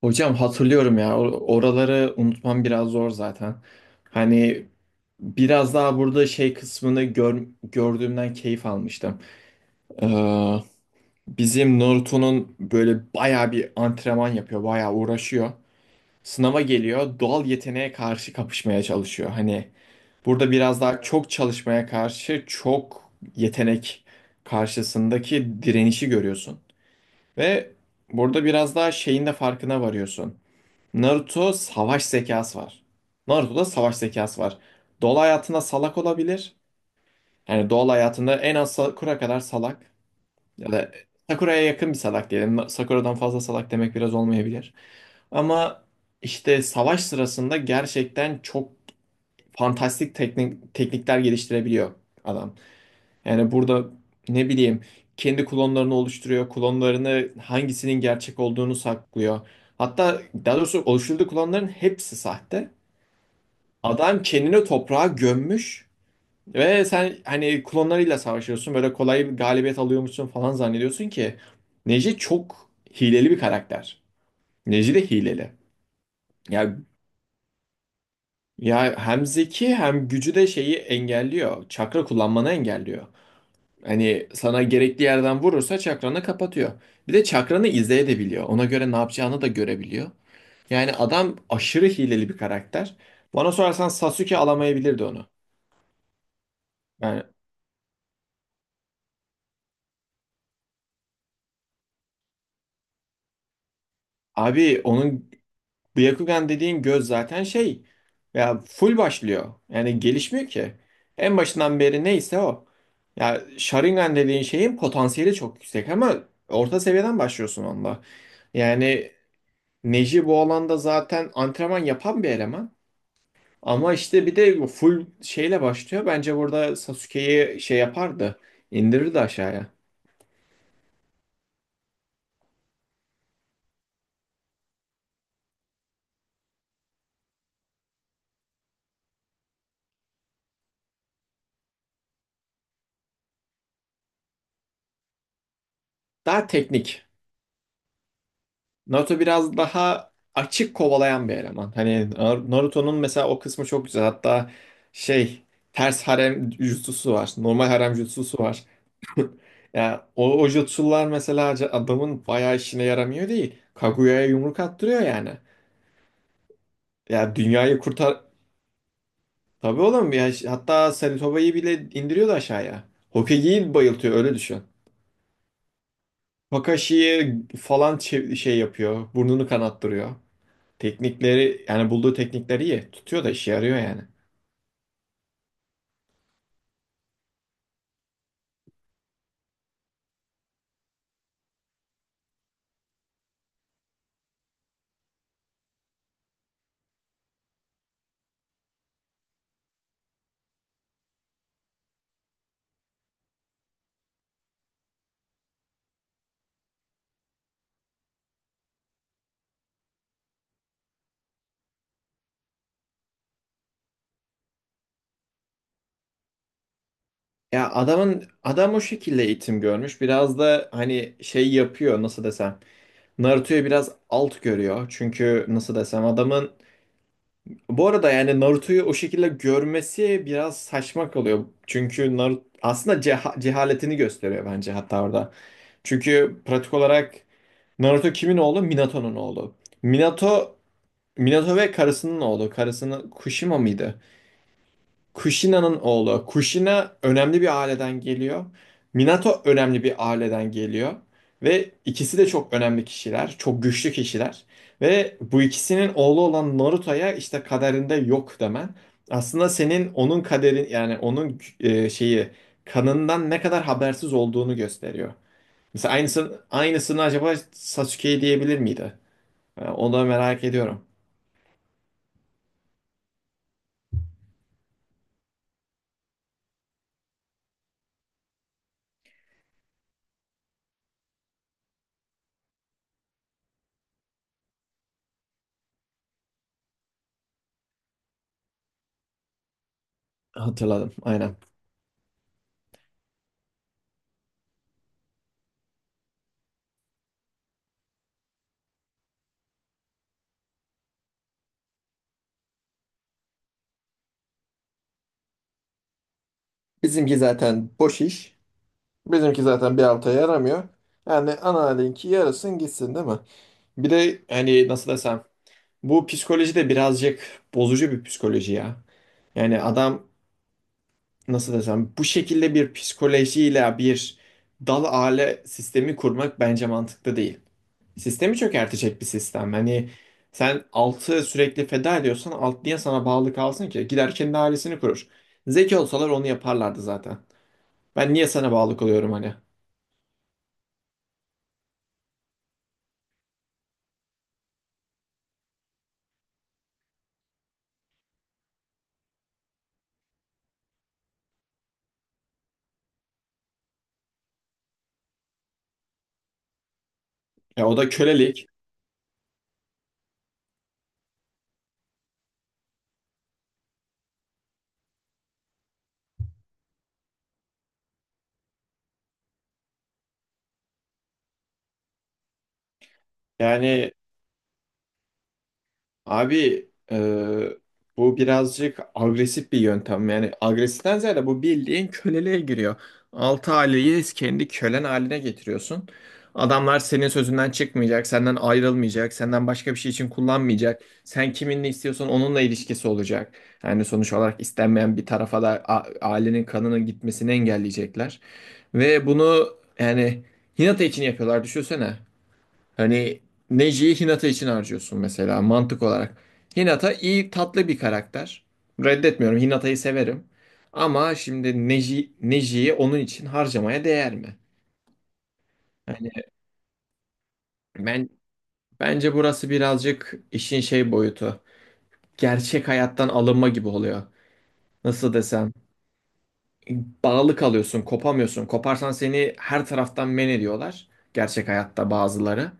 Hocam hatırlıyorum ya oraları unutmam biraz zor zaten. Hani biraz daha burada şey kısmını gördüğümden keyif almıştım. Ee, bizim Naruto'nun böyle bayağı bir antrenman yapıyor, bayağı uğraşıyor. Sınava geliyor, doğal yeteneğe karşı kapışmaya çalışıyor. Hani burada biraz daha çok çalışmaya karşı çok yetenek karşısındaki direnişi görüyorsun. Ve burada biraz daha şeyin de farkına varıyorsun. Naruto savaş zekası var. Naruto'da savaş zekası var. Doğal hayatında salak olabilir. Yani doğal hayatında en az Sakura kadar salak. Ya da Sakura'ya yakın bir salak diyelim. Sakura'dan fazla salak demek biraz olmayabilir. Ama işte savaş sırasında gerçekten çok fantastik teknikler geliştirebiliyor adam. Yani burada ne bileyim kendi klonlarını oluşturuyor. Klonlarını hangisinin gerçek olduğunu saklıyor. Hatta daha doğrusu oluşturduğu klonların hepsi sahte. Adam kendini toprağa gömmüş ve sen hani klonlarıyla savaşıyorsun. Böyle kolay bir galibiyet alıyormuşsun falan zannediyorsun ki Neji çok hileli bir karakter. Neji de hileli. Ya ya hem zeki hem gücü de şeyi engelliyor. Çakra kullanmanı engelliyor. Hani sana gerekli yerden vurursa çakranı kapatıyor. Bir de çakranı izleyebiliyor. Ona göre ne yapacağını da görebiliyor. Yani adam aşırı hileli bir karakter. Bana sorarsan Sasuke alamayabilirdi onu. Yani abi onun Byakugan dediğin göz zaten şey ya full başlıyor. Yani gelişmiyor ki. En başından beri neyse o. Ya Sharingan dediğin şeyin potansiyeli çok yüksek ama orta seviyeden başlıyorsun onda. Yani Neji bu alanda zaten antrenman yapan bir eleman. Ama işte bir de full şeyle başlıyor. Bence burada Sasuke'yi şey yapardı. İndirirdi aşağıya. Daha teknik. Naruto biraz daha açık kovalayan bir eleman. Hani Naruto'nun mesela o kısmı çok güzel. Hatta şey ters harem jutsusu var. Normal harem jutsusu var. Yani o jutsular mesela adamın bayağı işine yaramıyor değil. Kaguya'ya yumruk attırıyor yani. Ya dünyayı kurtar... Tabii oğlum ya hatta Sarutoba'yı bile indiriyordu aşağıya. Hokage'yi bayıltıyor öyle düşün. Kakashi'yi falan şey yapıyor. Burnunu kanattırıyor. Teknikleri yani bulduğu teknikleri iyi. Tutuyor da işe yarıyor yani. Ya adam o şekilde eğitim görmüş. Biraz da hani şey yapıyor nasıl desem. Naruto'yu biraz alt görüyor. Çünkü nasıl desem adamın bu arada yani Naruto'yu o şekilde görmesi biraz saçma kalıyor. Çünkü Naruto aslında cehaletini gösteriyor bence hatta orada. Çünkü pratik olarak Naruto kimin oğlu? Minato'nun oğlu. Minato Minato ve karısının oğlu. Karısının Kushima mıydı? Kushina'nın oğlu. Kushina önemli bir aileden geliyor. Minato önemli bir aileden geliyor. Ve ikisi de çok önemli kişiler, çok güçlü kişiler. Ve bu ikisinin oğlu olan Naruto'ya işte kaderinde yok demen. Aslında senin onun kaderin yani onun şeyi kanından ne kadar habersiz olduğunu gösteriyor. Mesela aynısını acaba Sasuke'ye diyebilir miydi? Onu da merak ediyorum. Hatırladım aynen. Bizimki zaten boş iş. Bizimki zaten bir alta yaramıyor. Yani ana linki yarasın gitsin değil mi? Bir de hani nasıl desem bu psikoloji de birazcık bozucu bir psikoloji ya. Yani adam nasıl desem bu şekilde bir psikolojiyle bir dal aile sistemi kurmak bence mantıklı değil. Sistemi çökertecek bir sistem. Hani sen altı sürekli feda ediyorsan alt niye sana bağlı kalsın ki? Gider kendi ailesini kurur. Zeki olsalar onu yaparlardı zaten. Ben niye sana bağlı kalıyorum hani? Ya o da kölelik. Yani abi bu birazcık agresif bir yöntem. Yani agresiften ziyade bu bildiğin köleliğe giriyor. Altı aileyi kendi kölen haline getiriyorsun. Adamlar senin sözünden çıkmayacak, senden ayrılmayacak, senden başka bir şey için kullanmayacak. Sen kiminle istiyorsan onunla ilişkisi olacak. Yani sonuç olarak istenmeyen bir tarafa da ailenin kanının gitmesini engelleyecekler. Ve bunu yani Hinata için yapıyorlar düşünsene. Hani Neji'yi Hinata için harcıyorsun mesela mantık olarak. Hinata iyi tatlı bir karakter. Reddetmiyorum. Hinata'yı severim. Ama şimdi Neji'yi onun için harcamaya değer mi? Yani ben bence burası birazcık işin şey boyutu. Gerçek hayattan alınma gibi oluyor. Nasıl desem? Bağlı kalıyorsun, kopamıyorsun. Koparsan seni her taraftan men ediyorlar. Gerçek hayatta bazıları.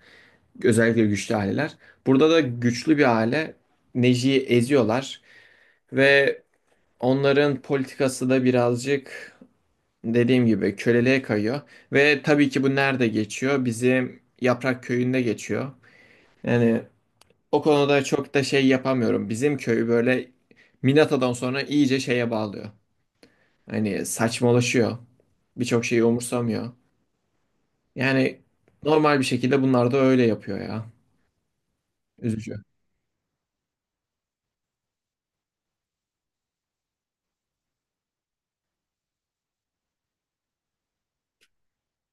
Özellikle güçlü aileler. Burada da güçlü bir aile Neji'yi eziyorlar. Ve onların politikası da birazcık dediğim gibi köleliğe kayıyor. Ve tabii ki bu nerede geçiyor? Bizim Yaprak Köyü'nde geçiyor. Yani o konuda çok da şey yapamıyorum. Bizim köy böyle Minata'dan sonra iyice şeye bağlıyor. Hani saçmalaşıyor. Birçok şeyi umursamıyor. Yani normal bir şekilde bunlar da öyle yapıyor ya. Üzücü.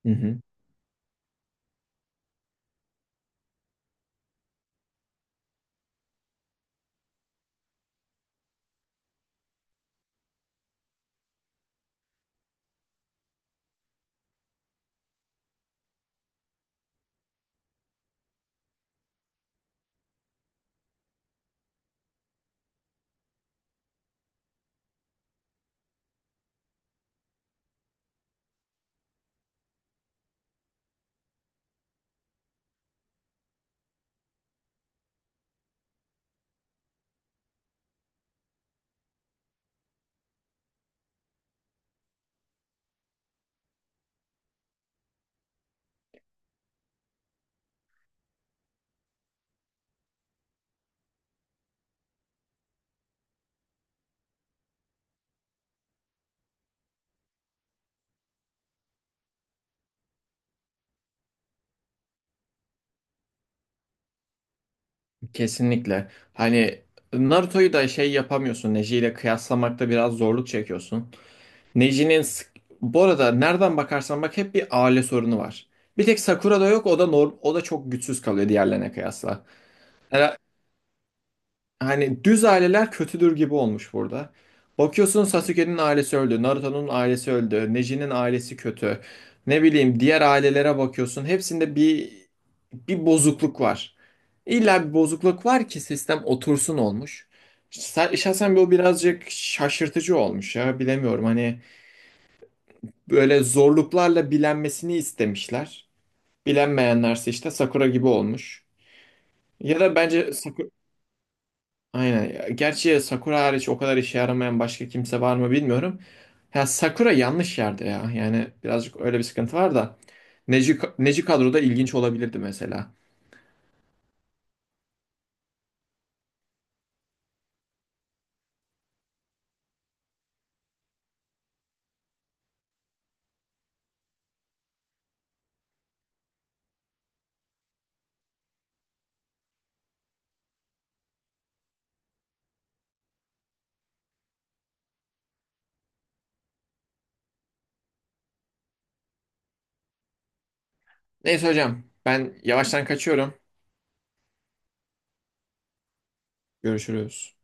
Hı hı. Kesinlikle. Hani Naruto'yu da şey yapamıyorsun. Neji ile kıyaslamakta biraz zorluk çekiyorsun. Neji'nin sık- bu arada nereden bakarsan bak hep bir aile sorunu var. Bir tek Sakura'da yok o da norm o da çok güçsüz kalıyor diğerlerine kıyasla. Yani, hani düz aileler kötüdür gibi olmuş burada. Bakıyorsun Sasuke'nin ailesi öldü, Naruto'nun ailesi öldü, Neji'nin ailesi kötü. Ne bileyim diğer ailelere bakıyorsun hepsinde bir bozukluk var. İlla bir bozukluk var ki sistem otursun olmuş. Şahsen bu birazcık şaşırtıcı olmuş ya bilemiyorum hani böyle zorluklarla bilenmesini istemişler. Bilenmeyenlerse işte Sakura gibi olmuş. Ya da bence Sakura... Aynen. Gerçi Sakura hariç o kadar işe yaramayan başka kimse var mı bilmiyorum. Ya Sakura yanlış yerde ya. Yani birazcık öyle bir sıkıntı var da. Neji kadroda ilginç olabilirdi mesela. Neyse hocam ben yavaştan kaçıyorum. Görüşürüz.